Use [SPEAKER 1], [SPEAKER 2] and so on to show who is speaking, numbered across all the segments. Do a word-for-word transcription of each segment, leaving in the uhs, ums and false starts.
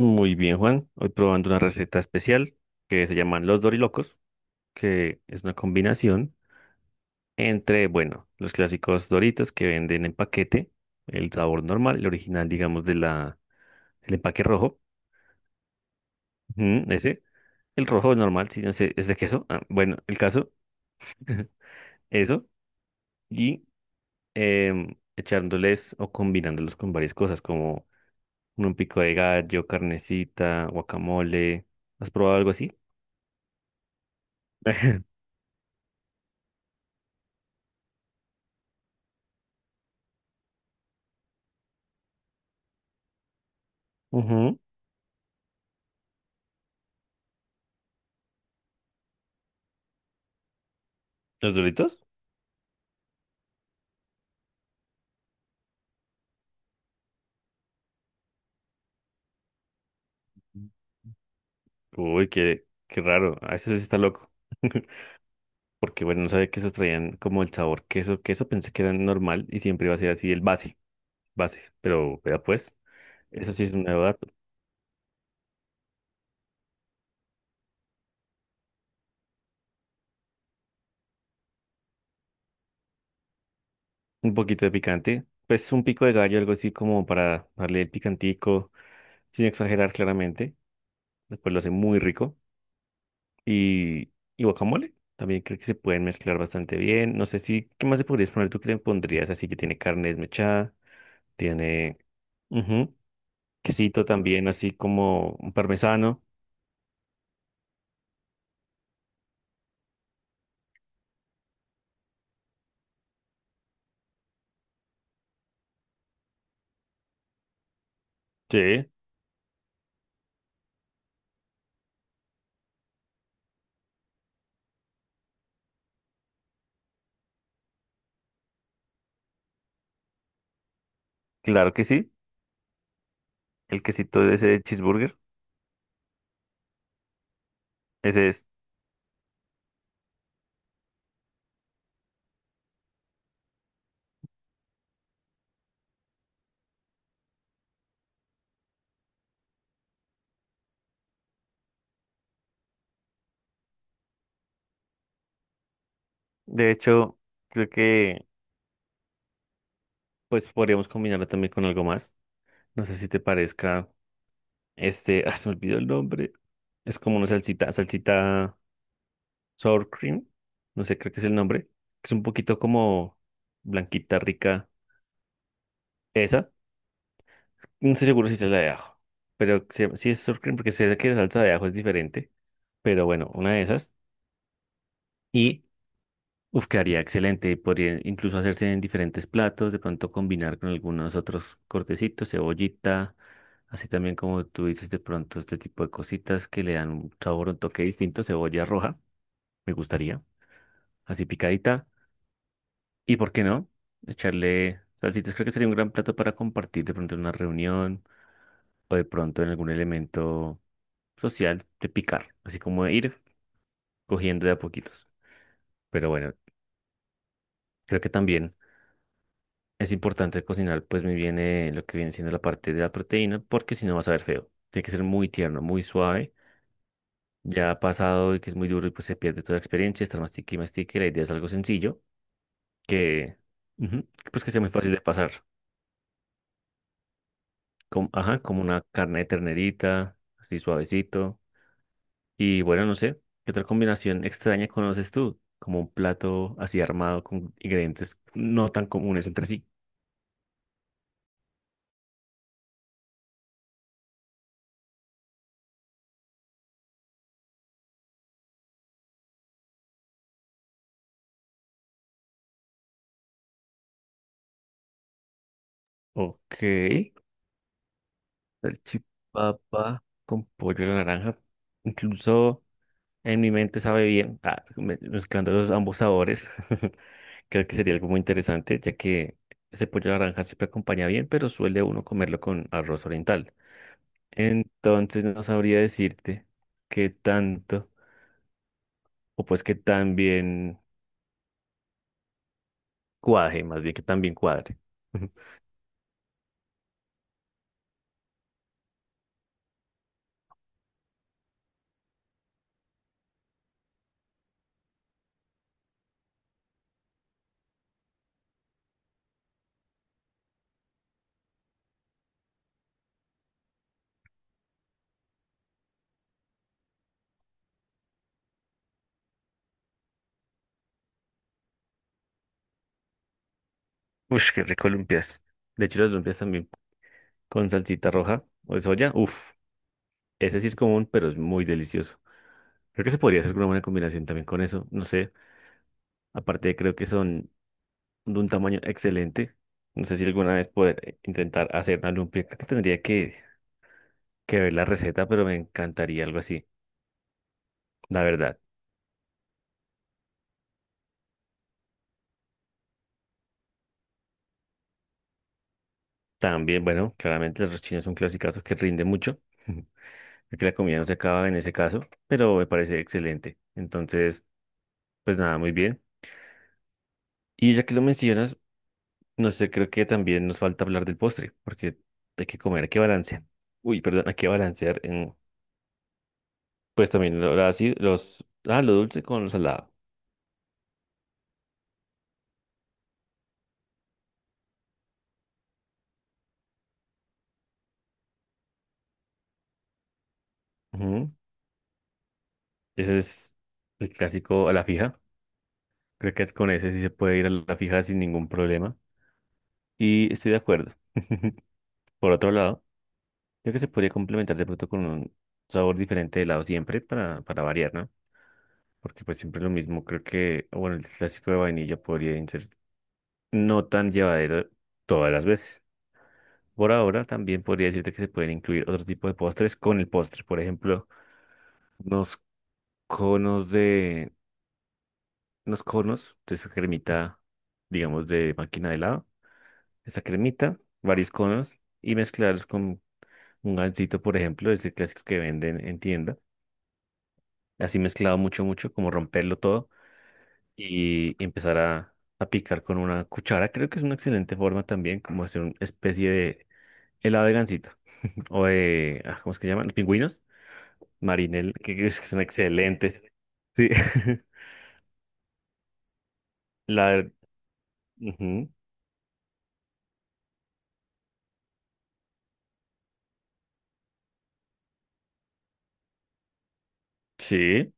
[SPEAKER 1] Muy bien, Juan. Hoy probando una receta especial que se llaman los Dorilocos, que es una combinación entre, bueno, los clásicos Doritos que venden en paquete, el sabor normal, el original, digamos, de la, el empaque rojo, ujú, ese, el rojo normal, si no sé, es de queso. Ah, bueno, el caso, eso, y em, echándoles o combinándolos con varias cosas, como un pico de gallo, carnecita, guacamole. ¿Has probado algo así? Ujú. ¿Los Doritos? Uy, qué, qué raro. A eso sí está loco. Porque bueno, no sabía que esos traían como el sabor queso. Queso pensé que era normal y siempre iba a ser así el base, base. Pero vea pues, eso sí es un nuevo dato. Un poquito de picante. Pues un pico de gallo, algo así como para darle el picantico, sin exagerar claramente. Después lo hace muy rico. Y, y guacamole. También creo que se pueden mezclar bastante bien. No sé si, ¿qué más le podrías poner? ¿Tú qué le pondrías? Así que tiene carne desmechada, tiene... Ujú. Quesito también, así como un parmesano. Sí, claro que sí. El quesito de ese cheeseburger, ese es. De hecho, creo que pues podríamos combinarlo también con algo más. No sé si te parezca este, ah, se me olvidó el nombre. Es como una salsita, salsita sour cream. No sé, creo que es el nombre. Es un poquito como blanquita, rica. Esa. No estoy seguro si es la de ajo. Pero sí, sí es sour cream porque sé que la salsa de ajo es diferente. Pero bueno, una de esas. Y uf, quedaría excelente. Podría incluso hacerse en diferentes platos, de pronto combinar con algunos otros cortecitos, cebollita, así también como tú dices, de pronto este tipo de cositas que le dan un sabor, un toque distinto, cebolla roja, me gustaría, así picadita. ¿Y por qué no? Echarle salsitas, creo que sería un gran plato para compartir de pronto en una reunión o de pronto en algún elemento social de picar, así como ir cogiendo de a poquitos. Pero bueno, creo que también. Es importante cocinar pues muy bien eh, lo que viene siendo la parte de la proteína porque si no va a saber feo. Tiene que ser muy tierno, muy suave. Ya ha pasado y que es muy duro y pues se pierde toda la experiencia, estar mastique y mastique. La idea es algo sencillo que ujú, pues que sea muy fácil de pasar. Como, ajá, como una carne de ternerita, así suavecito. Y bueno, no sé, ¿qué otra combinación extraña conoces tú? Como un plato así armado con ingredientes no tan comunes entre sí. Ok. Salchipapa con pollo a la naranja. Incluso en mi mente sabe bien, ah, me- mezclando los ambos sabores. Creo que sería algo muy interesante, ya que ese pollo a la naranja siempre acompaña bien, pero suele uno comerlo con arroz oriental. Entonces no sabría decirte qué tanto, o pues qué tan bien cuaje, más bien que tan bien cuadre. Ush, qué rico lumpias. De hecho, las lumpias también con salsita roja o de soya. Uf, ese sí es común, pero es muy delicioso. Creo que se podría hacer una buena combinación también con eso, no sé. Aparte, creo que son de un tamaño excelente. No sé si alguna vez poder eh, intentar hacer una lumpia. Creo que tendría que, que ver la receta, pero me encantaría algo así, la verdad. También, bueno, claramente los chinos son clásicos que rinde mucho. Creo que la comida no se acaba en ese caso, pero me parece excelente. Entonces, pues nada, muy bien. Y ya que lo mencionas, no sé, creo que también nos falta hablar del postre, porque hay que comer, hay que balancear. Uy, perdón, hay que balancear en pues también lo- lo así, los, ah, lo dulce con lo salado. Ujú. Ese es el clásico a la fija. Creo que con ese sí se puede ir a la fija sin ningún problema. Y estoy de acuerdo. Por otro lado, creo que se podría complementar de pronto con un sabor diferente de helado siempre para, para variar, ¿no? Porque pues siempre lo mismo. Creo que, bueno, el clásico de vainilla podría ser no tan llevadero todas las veces. Por ahora también podría decirte que se pueden incluir otro tipo de postres con el postre. Por ejemplo, unos conos de, unos conos de esa cremita, digamos, de máquina de helado, esa cremita, varios conos y mezclarlos con un gansito, por ejemplo, ese clásico que venden en tienda, así mezclado mucho, mucho, como romperlo todo y empezar a, a picar con una cuchara, creo que es una excelente forma también, como hacer una especie de helado de gansito o de, ah, ¿cómo es que llaman? Los pingüinos, marinel, que que son excelentes. Sí, la, ujú. Sí,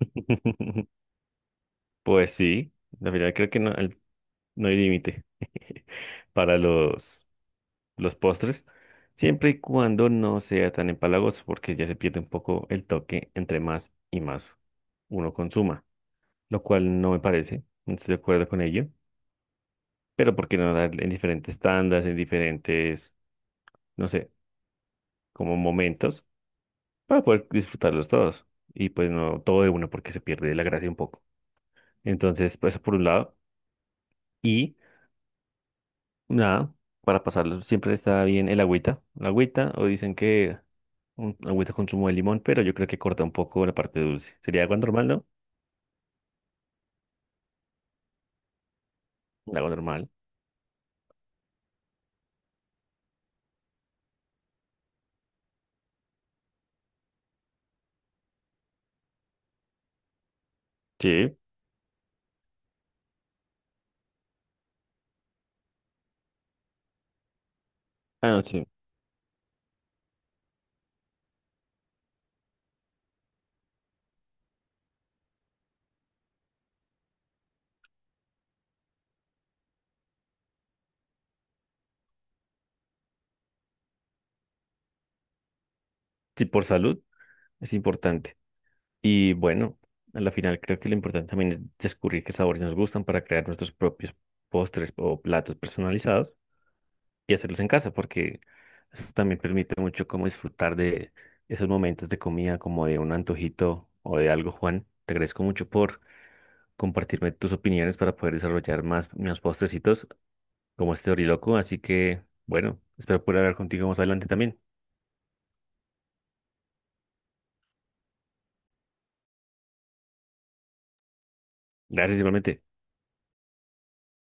[SPEAKER 1] pues sí. La verdad creo que no, al- no hay límite para los, los postres, siempre y cuando no sea tan empalagoso, porque ya se pierde un poco el toque entre más y más uno consuma, lo cual no me parece, no estoy de acuerdo con ello, pero ¿por qué no dar en diferentes tandas, en diferentes, no sé, como momentos para poder disfrutarlos todos? Y pues no todo de uno porque se pierde la gracia un poco. Entonces, pues, eso por un lado. Y nada, para pasarlo siempre está bien el agüita. La agüita, o dicen que un, agüita con zumo de limón, pero yo creo que corta un poco la parte dulce. ¿Sería agua normal, no? Un agua normal. Sí. Ah, no, sí. Sí, por salud es importante. Y bueno, a la final creo que lo importante también es descubrir qué sabores nos gustan para crear nuestros propios postres o platos personalizados y hacerlos en casa, porque eso también permite mucho como disfrutar de esos momentos de comida, como de un antojito o de algo, Juan. Te agradezco mucho por compartirme tus opiniones para poder desarrollar más mis postrecitos como este oriloco. Así que, bueno, espero poder hablar contigo más adelante también. Gracias igualmente.